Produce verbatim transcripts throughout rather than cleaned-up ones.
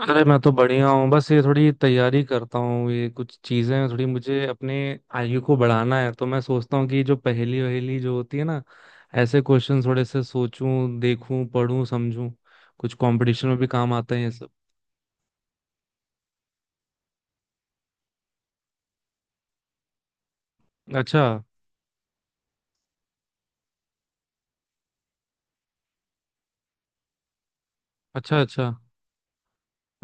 अरे मैं तो बढ़िया हूँ। बस ये थोड़ी तैयारी करता हूँ, ये कुछ चीजें हैं, थोड़ी मुझे अपने आयु को बढ़ाना है। तो मैं सोचता हूँ कि जो पहेली वहेली जो होती है ना, ऐसे क्वेश्चन थोड़े से सोचूं, देखूं, पढ़ूं, समझूं। कुछ कंपटीशन में भी काम आते हैं ये सब। अच्छा अच्छा। अच्छा।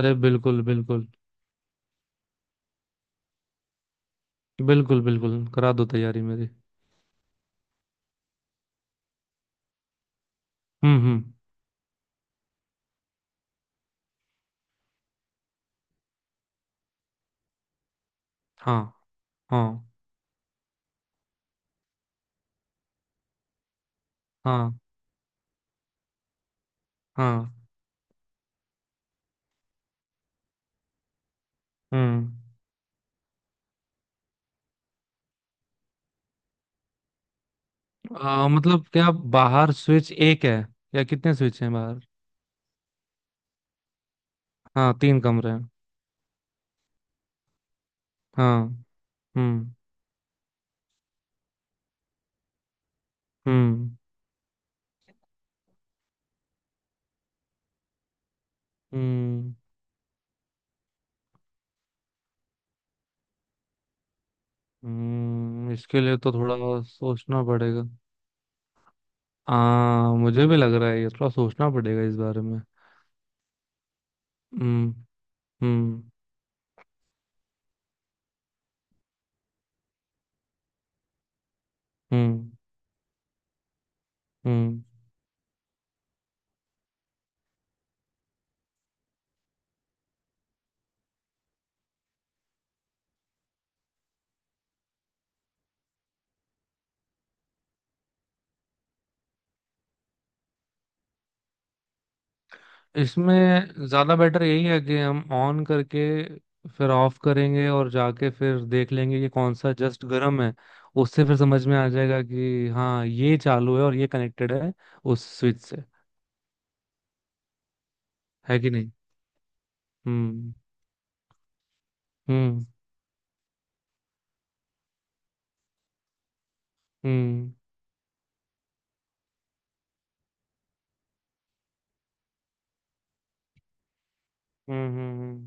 अरे बिल्कुल बिल्कुल। बिल्कुल बिल्कुल, करा दो तैयारी मेरी। हम्म हम्म। हाँ। हाँ। हाँ। हाँ। हम्म। आ, मतलब क्या? बाहर स्विच एक है, या कितने स्विच हैं बाहर? हाँ, तीन कमरे हैं। हाँ। हम्म। हम्म। हम्म। हम्म, इसके लिए तो थोड़ा सोचना पड़ेगा। आ मुझे भी लग रहा है ये थोड़ा सोचना पड़ेगा इस बारे में। हम्म। हम्म। हम्म। हम्म। इसमें ज्यादा बेटर यही है कि हम ऑन करके फिर ऑफ करेंगे और जाके फिर देख लेंगे कि कौन सा जस्ट गर्म है। उससे फिर समझ में आ जाएगा कि हाँ, ये चालू है और ये कनेक्टेड है उस स्विच से। है कि नहीं? हम्म। हम्म। हम्म। हम्म। हम्म। हम्म,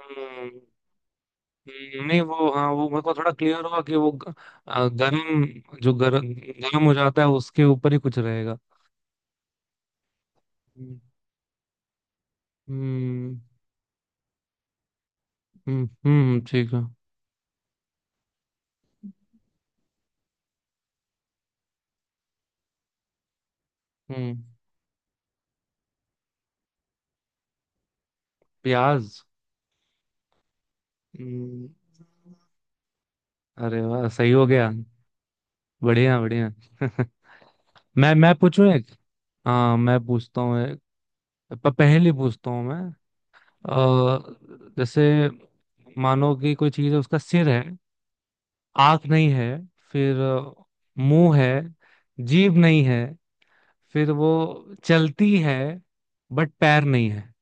हम्म। हम्म, नहीं वो हाँ, वो मेरे को थोड़ा क्लियर हुआ कि वो ग- आ, गर्म, जो गर्म गर्म हो जाता है उसके ऊपर ही कुछ रहेगा। हम्म। हम्म। हम्म, ठीक है। हम्म। प्याज। हम्म, अरे वाह, सही हो गया। बढ़िया बढ़िया। मैं मैं पूछूं एक? हाँ, मैं पूछता हूँ एक। प- पहेली पूछता हूँ मैं। अ, जैसे, मानो कि कोई चीज है, उसका सिर है, आंख नहीं है, फिर अ, मुंह है, जीभ नहीं है, फिर वो चलती है बट पैर नहीं है।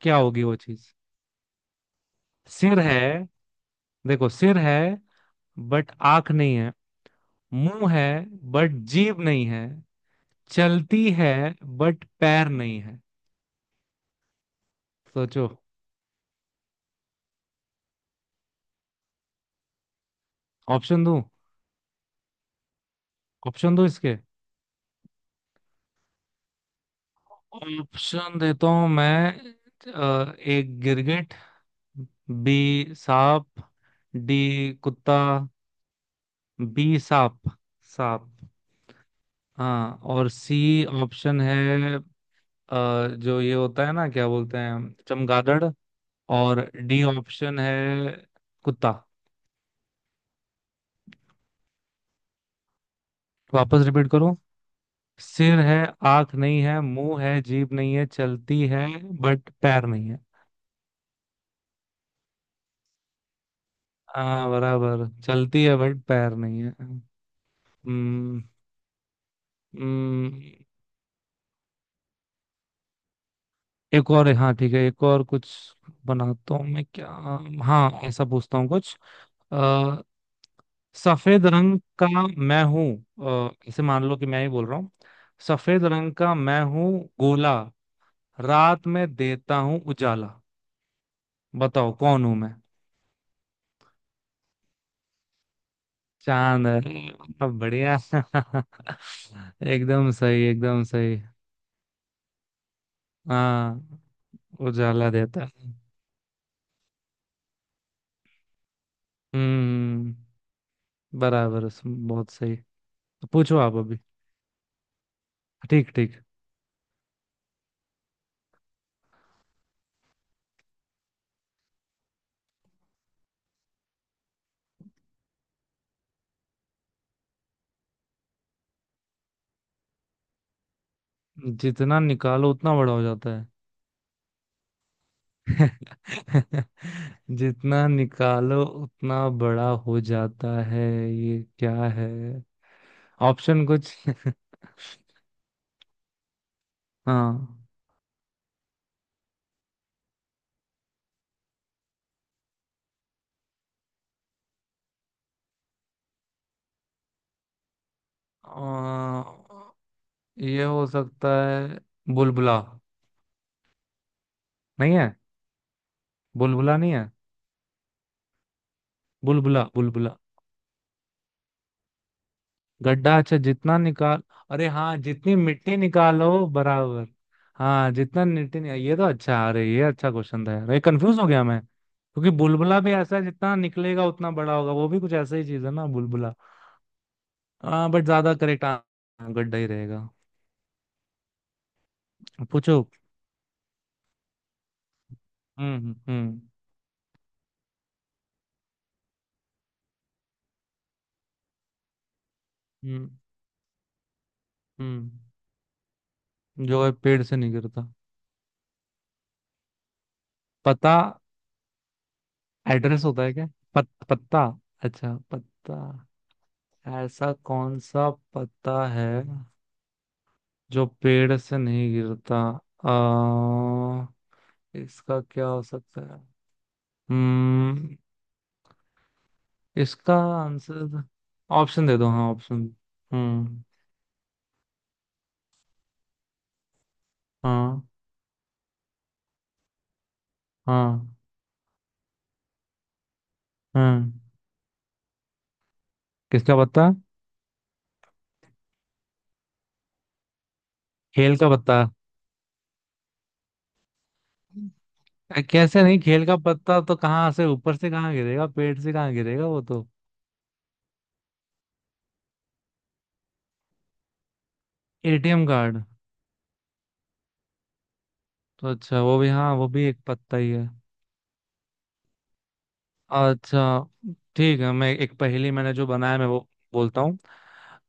क्या होगी वो चीज? सिर है, देखो सिर है, बट आंख नहीं है, मुंह है बट जीभ नहीं है, चलती है बट पैर नहीं है। सोचो। ऑप्शन दूं? ऑप्शन दूं इसके? ऑप्शन देता हूं मैं। अ, एक गिरगिट, बी सांप, डी कुत्ता। बी सांप। सांप। हाँ, और सी ऑप्शन है अ, जो ये होता है ना, क्या बोलते हैं, चमगादड़। और डी ऑप्शन है कुत्ता। वापस रिपीट करूं? सिर है, आंख नहीं है, मुंह है, जीभ नहीं है, चलती है, बट पैर नहीं है। हाँ, बराबर चलती है बट पैर नहीं है। हम्म। हम्म, एक और है। हाँ ठीक है, एक और कुछ बनाता हूँ मैं क्या। हाँ, ऐसा पूछता हूँ कुछ। सफेद रंग का मैं हूं। अ, इसे मान लो कि मैं ही बोल रहा हूँ। सफेद रंग का मैं हूं, गोला, रात में देता हूं उजाला, बताओ कौन हूं मैं? चांद? अरे वाह, बढ़िया। एकदम सही एकदम सही। हाँ, उजाला देता है। हम्म, बराबर, बहुत सही। तो पूछो आप अभी। ठीक ठीक। जितना निकालो उतना बड़ा हो जाता है? जितना निकालो उतना बड़ा हो जाता है, ये क्या है? ऑप्शन कुछ? हाँ। अ, ये हो सकता है बुलबुला। नहीं है? बुलबुला नहीं है? बुलबुला बुलबुला। गड्ढा? अच्छा, जितना निकाल, अरे हाँ, जितनी मिट्टी निकालो बराबर। हाँ, जितना मिट्टी निकाल, ये तो अच्छा, अरे ये अच्छा क्वेश्चन था यार, ये कंफ्यूज हो गया मैं, क्योंकि बुलबुला भी ऐसा है, जितना निकलेगा उतना बड़ा होगा, वो भी कुछ ऐसा ही चीज है ना बुलबुला। हाँ, बट ज्यादा करेक्ट गड्ढा ही रहेगा। पूछो। हम्म हम्म। हम्म। हम्म। जो है पेड़ से नहीं गिरता? पता? एड्रेस होता है क्या? पत, पत्ता? अच्छा, पत्ता। ऐसा कौन सा पत्ता है जो पेड़ से नहीं गिरता? आ, इसका क्या हो सकता है? हम्म, इसका आंसर? ऑप्शन दे दो, हाँ ऑप्शन। हम्म। हाँ। हाँ। हाँ। किसका पत्ता? हेल का पत्ता? अ, कैसे नहीं? खेल का पत्ता तो कहाँ से, ऊपर से कहाँ गिरेगा, पेट से कहाँ गिरेगा वो तो। ATM card? तो अच्छा, वो भी, हाँ वो भी एक पत्ता ही है। अच्छा ठीक है, मैं एक पहेली, मैंने जो बनाया मैं वो बोलता हूँ।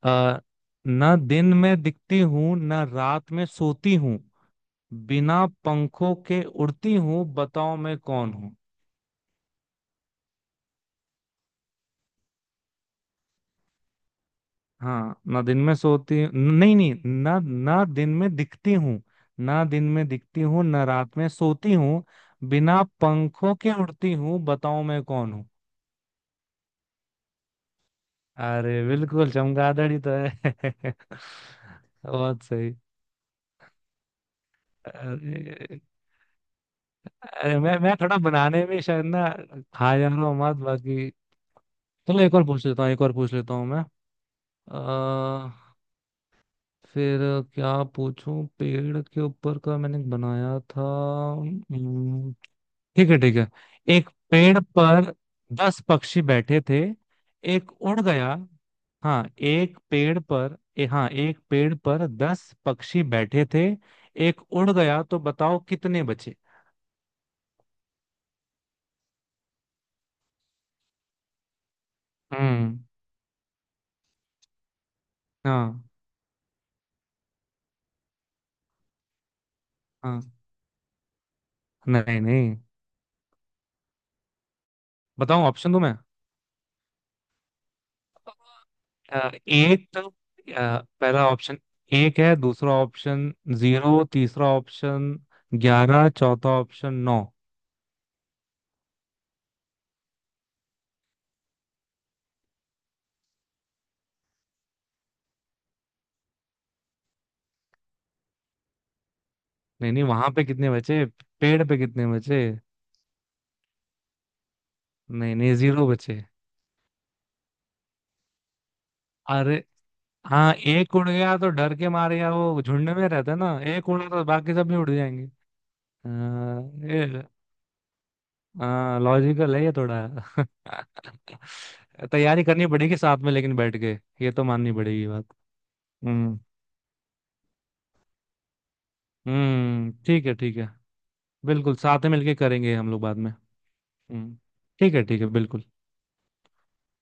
अ, ना दिन में दिखती हूँ, ना रात में सोती हूँ, बिना पंखों के उड़ती हूँ, बताओ मैं कौन? हाँ, ना दिन में सोती, नहीं नहीं, ना, ना दिन में दिखती हूँ। ना दिन में दिखती हूँ, ना रात में सोती हूँ, बिना पंखों के उड़ती हूँ, बताओ मैं कौन हूँ? अरे बिल्कुल चमगादड़ ही तो है। बहुत सही। अरे, अरे मैं मैं थोड़ा बनाने में शायद ना खा जा रहा हूँ मत बाकी। चलो एक और पूछ लेता हूँ, एक और पूछ लेता हूँ मैं। आ, फिर क्या पूछूं, पेड़ के ऊपर का मैंने बनाया था। ठीक है ठीक है। एक पेड़ पर दस पक्षी बैठे थे, एक उड़ गया। हाँ, एक पेड़ पर ए, हाँ, एक पेड़ पर दस पक्षी बैठे थे, एक उड़ गया, तो बताओ कितने बचे? हम्म। हाँ। हाँ। नहीं नहीं। बताऊं, ऑप्शन दूं मैं? अ, एक तो, अ, पहला ऑप्शन एक है, दूसरा ऑप्शन जीरो, तीसरा ऑप्शन ग्यारह, चौथा ऑप्शन नौ। नहीं नहीं, वहां पे कितने बचे, पेड़ पे कितने बचे? नहीं नहीं, जीरो बचे। अरे हाँ, एक उड़ गया तो डर के मारे, या वो झुंड में रहता है ना, एक उड़ा तो बाकी सब भी उड़ जाएंगे। हाँ, ये, हाँ लॉजिकल है ये थोड़ा। तैयारी करनी पड़ेगी साथ में लेकिन बैठ के। ये तो माननी पड़ेगी बात। हम्म। हम्म, ठीक है ठीक है, बिल्कुल साथ में मिलके करेंगे हम लोग बाद में। हम्म। ठीक है ठीक है, बिल्कुल।